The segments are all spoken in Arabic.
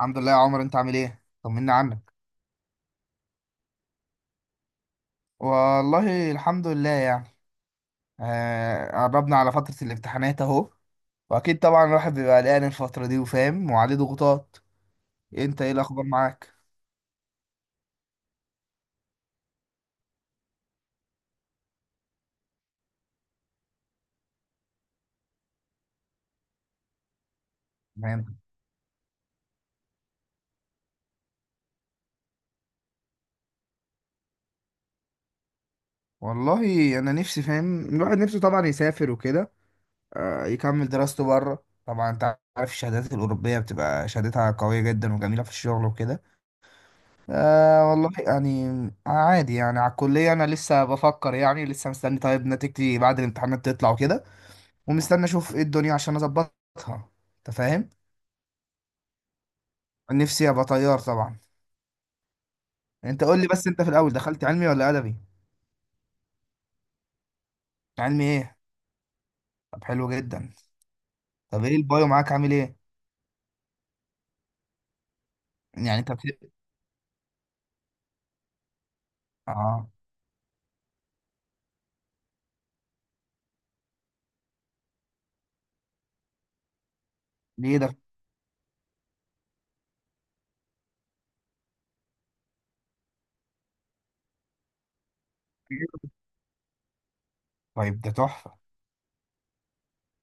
الحمد لله يا عمر، انت عامل ايه؟ طمنا عنك. والله الحمد لله يعني. قربنا على فترة الامتحانات اهو. واكيد طبعا الواحد بيبقى قلقان الفترة دي وفاهم وعليه ضغوطات. انت ايه الاخبار معاك؟ تمام. والله انا نفسي، فاهم، الواحد نفسه طبعا يسافر وكده. يكمل دراسته بره. طبعا انت عارف الشهادات الاوروبية بتبقى شهادتها قوية جدا وجميلة في الشغل وكده. والله يعني عادي يعني على الكلية. انا لسه بفكر يعني، لسه مستني طيب نتيجتي بعد الامتحانات تطلع وكده، ومستني اشوف ايه الدنيا عشان اظبطها. انت فاهم، نفسي ابقى طيار طبعا. انت قول لي بس، انت في الاول دخلت علمي ولا ادبي؟ علمي ايه؟ طب حلو جدا. طب ايه البايو معاك عامل ايه؟ يعني انت اه. ليه ده؟ طيب ده تحفه.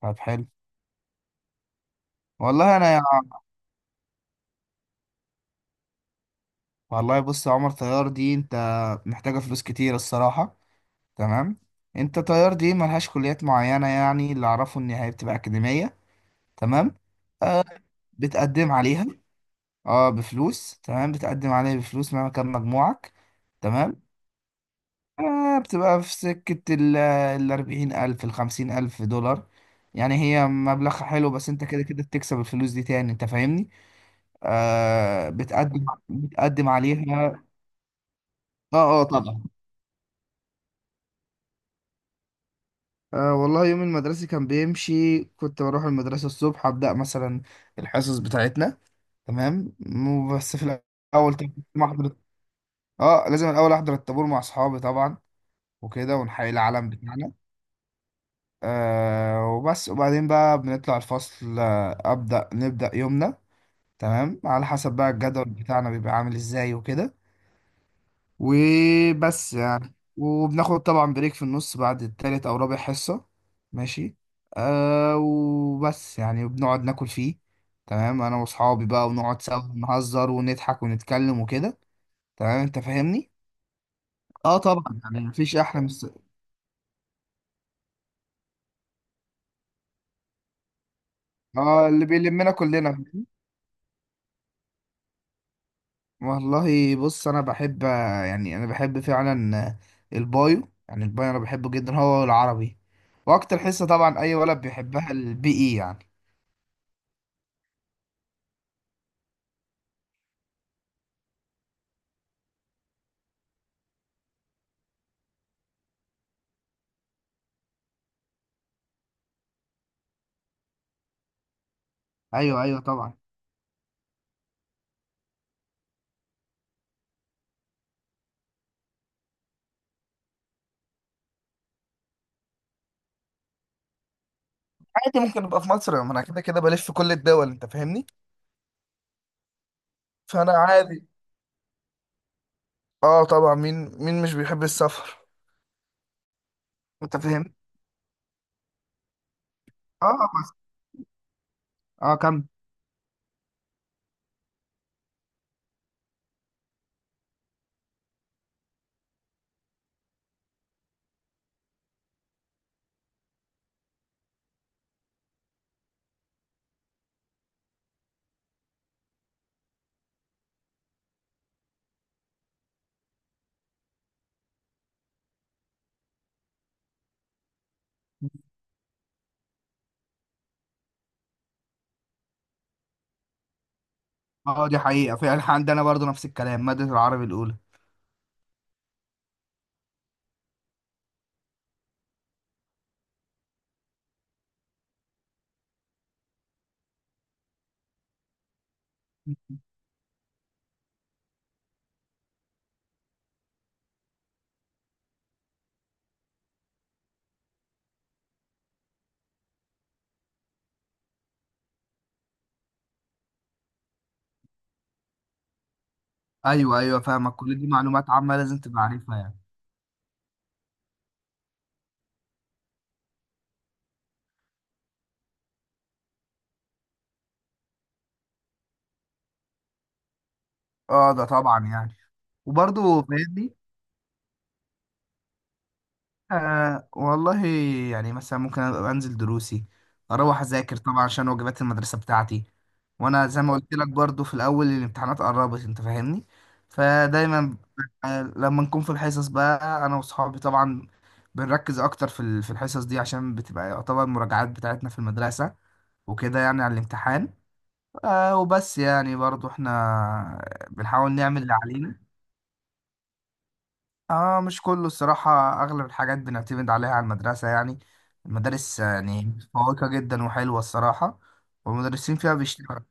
طب حلو. والله انا يا... والله بص يا عمر، طيار دي انت محتاجه فلوس كتير الصراحه. تمام. انت طيار دي ملهاش كليات معينه، يعني اللي اعرفه ان هي بتبقى اكاديميه. تمام. آه، بتقدم عليها اه بفلوس. تمام. بتقدم عليه بفلوس مهما كان مجموعك. تمام. آه، بتبقى في سكة 40,000، $50,000. يعني هي مبلغ حلو، بس انت كده كده بتكسب الفلوس دي تاني. انت فاهمني؟ آه، بتقدم عليها. اه اه طبعا. آه والله يوم المدرسة كان بيمشي، كنت بروح المدرسة الصبح أبدأ مثلا الحصص بتاعتنا. تمام. بس في الأول طبعاً لازم أحضر. اه لازم الأول أحضر الطابور مع أصحابي طبعا وكده، ونحيي العلم بتاعنا. آه وبس. وبعدين بقى بنطلع الفصل، أبدأ نبدأ يومنا. تمام، على حسب بقى الجدول بتاعنا بيبقى عامل ازاي وكده. وبس يعني، وبناخد طبعا بريك في النص بعد التالت أو رابع حصة. ماشي. آه وبس يعني، وبنقعد ناكل فيه. تمام. أنا وأصحابي بقى ونقعد سوا نهزر ونضحك ونتكلم وكده. تمام. أنت فاهمني؟ اه طبعا يعني مفيش أحلى من اه اللي بيلمنا كلنا. والله بص انا بحب، يعني انا بحب فعلا البايو. يعني البايو انا بحبه جدا، هو العربي. واكتر حصه طبعا اي ولد بيحبها البي اي يعني. ايوه ايوه طبعا. عادي ممكن ابقى في مصر، ما انا كده كده بلف في كل الدول. انت فاهمني؟ فانا عادي. اه طبعا، مين مين مش بيحب السفر؟ انت فاهم. اه بس. اه كم. اه دي حقيقه فعلا، إحنا عندنا برضو نفس الكلام، ماده العربي الاولى. ايوه ايوه فاهمك، كل دي معلومات عامه لازم تبقى عارفها يعني. اه ده طبعا يعني. وبرضه فاهمني. آه والله يعني مثلا ممكن أبقى انزل دروسي، اروح اذاكر طبعا عشان واجبات المدرسه بتاعتي. وانا زي ما قلت لك برضو، في الاول الامتحانات قربت. انت فاهمني؟ فدايما آه، لما نكون في الحصص بقى انا واصحابي طبعا بنركز اكتر في الحصص دي عشان بتبقى يعتبر المراجعات بتاعتنا في المدرسه وكده، يعني على الامتحان. آه وبس يعني، برضو احنا بنحاول نعمل اللي علينا. اه مش كله الصراحة، اغلب الحاجات بنعتمد عليها على المدرسة. يعني المدارس يعني متفوقة جدا وحلوة الصراحة، والمدرسين فيها بيشتغلوا.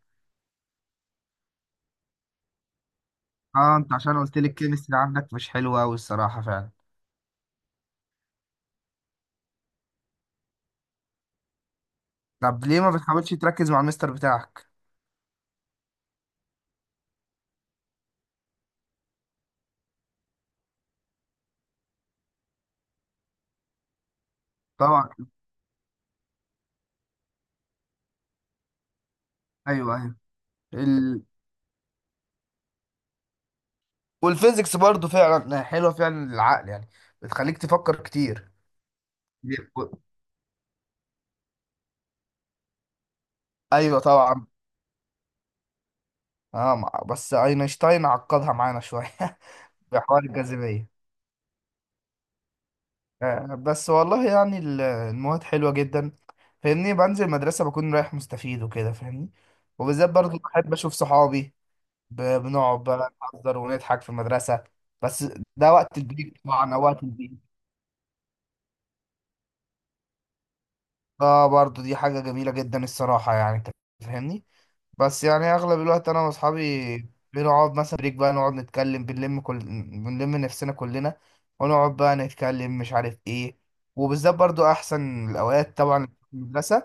اه، انت عشان قلت لي الكيمستري عندك مش حلوة اوي الصراحة فعلا. طب ليه ما بتحاولش تركز مع المستر بتاعك؟ طبعا. ايوه ايوه. ال... والفيزيكس برضو فعلا حلوة فعلا للعقل، يعني بتخليك تفكر كتير. ايوه طبعا. بس اينشتاين عقدها معانا شوية بحوار الجاذبية. آه بس والله يعني المواد حلوة جدا. فاهمني، بنزل المدرسة بكون رايح مستفيد وكده، فاهمني. وبالذات برضو بحب أشوف صحابي. بنقعد بقى نهزر ونضحك في المدرسة بس. ده وقت البيت طبعا، أو وقت البيت. اه برضو دي حاجة جميلة جدا الصراحة يعني. انت فاهمني. بس يعني اغلب الوقت انا واصحابي بنقعد مثلا بريك، بقى نقعد نتكلم، بنلم نفسنا كلنا، ونقعد بقى نتكلم مش عارف ايه. وبالذات برضو احسن الاوقات طبعا، المدرسة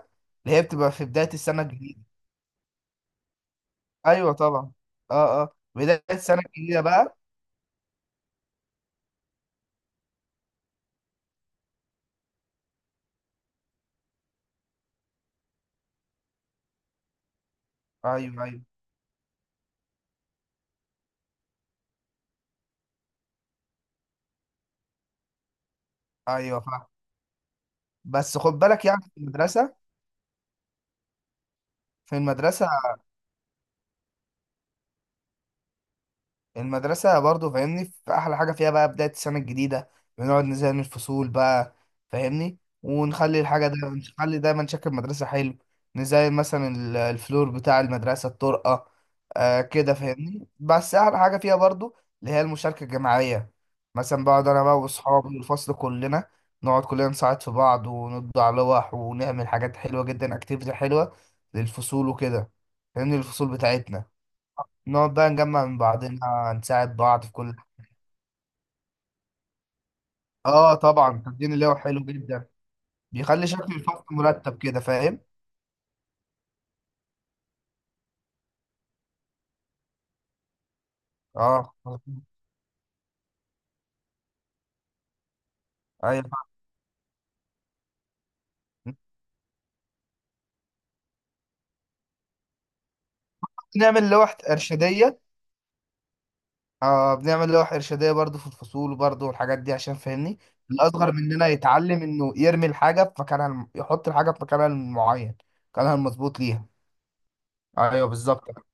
اللي هي بتبقى في بداية السنة الجديدة. ايوه طبعا. اه اه بداية السنة الجديدة بقى. ايوه ايوه ايوه فاهم. بس خد بالك يعني في المدرسة، في المدرسة المدرسة برضو فاهمني، في أحلى حاجة فيها بقى بداية السنة الجديدة، بنقعد نزين الفصول بقى. فاهمني. ونخلي الحاجة ده، نخلي دايما شكل المدرسة حلو. نزين مثلا الفلور بتاع المدرسة، الطرقة. آه كده فاهمني، بس أحلى حاجة فيها برضو اللي هي المشاركة الجماعية. مثلا بقعد أنا بقى وأصحابي والفصل كلنا، نقعد كلنا نساعد في بعض، ونطبع لوح، ونعمل حاجات حلوة جدا، أكتيفيتي حلوة للفصول وكده. فاهمني، الفصول بتاعتنا نقعد بقى نجمع من بعضنا، نساعد بعض في كل. اه طبعا، تدين اللي هو حلو جدا، بيخلي شكل الفصل مرتب كده. فاهم. اه مظبوط. ايوه بنعمل لوح ارشاديه. اه بنعمل لوح ارشاديه برضو في الفصول برضو والحاجات دي عشان فاهمني الاصغر مننا يتعلم انه يرمي الحاجه في مكانها يحط الحاجه في مكانها المعين، مكانها المظبوط ليها. ايوه بالظبط.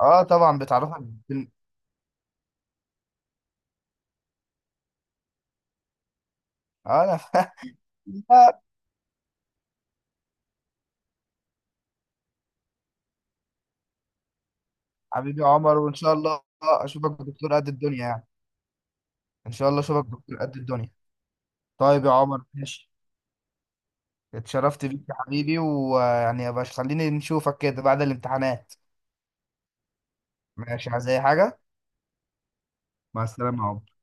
اه طبعا بتعرفك. بال... اه انا فاهم. حبيبي عمر، وان شاء الله اشوفك دكتور قد الدنيا يعني. ان شاء الله اشوفك دكتور قد الدنيا. طيب يا عمر ماشي. اتشرفت بيك يا حبيبي، ويعني يا باش خليني نشوفك كده بعد الامتحانات. ماشي، عايز اي حاجه؟ مع السلامه يا عمر.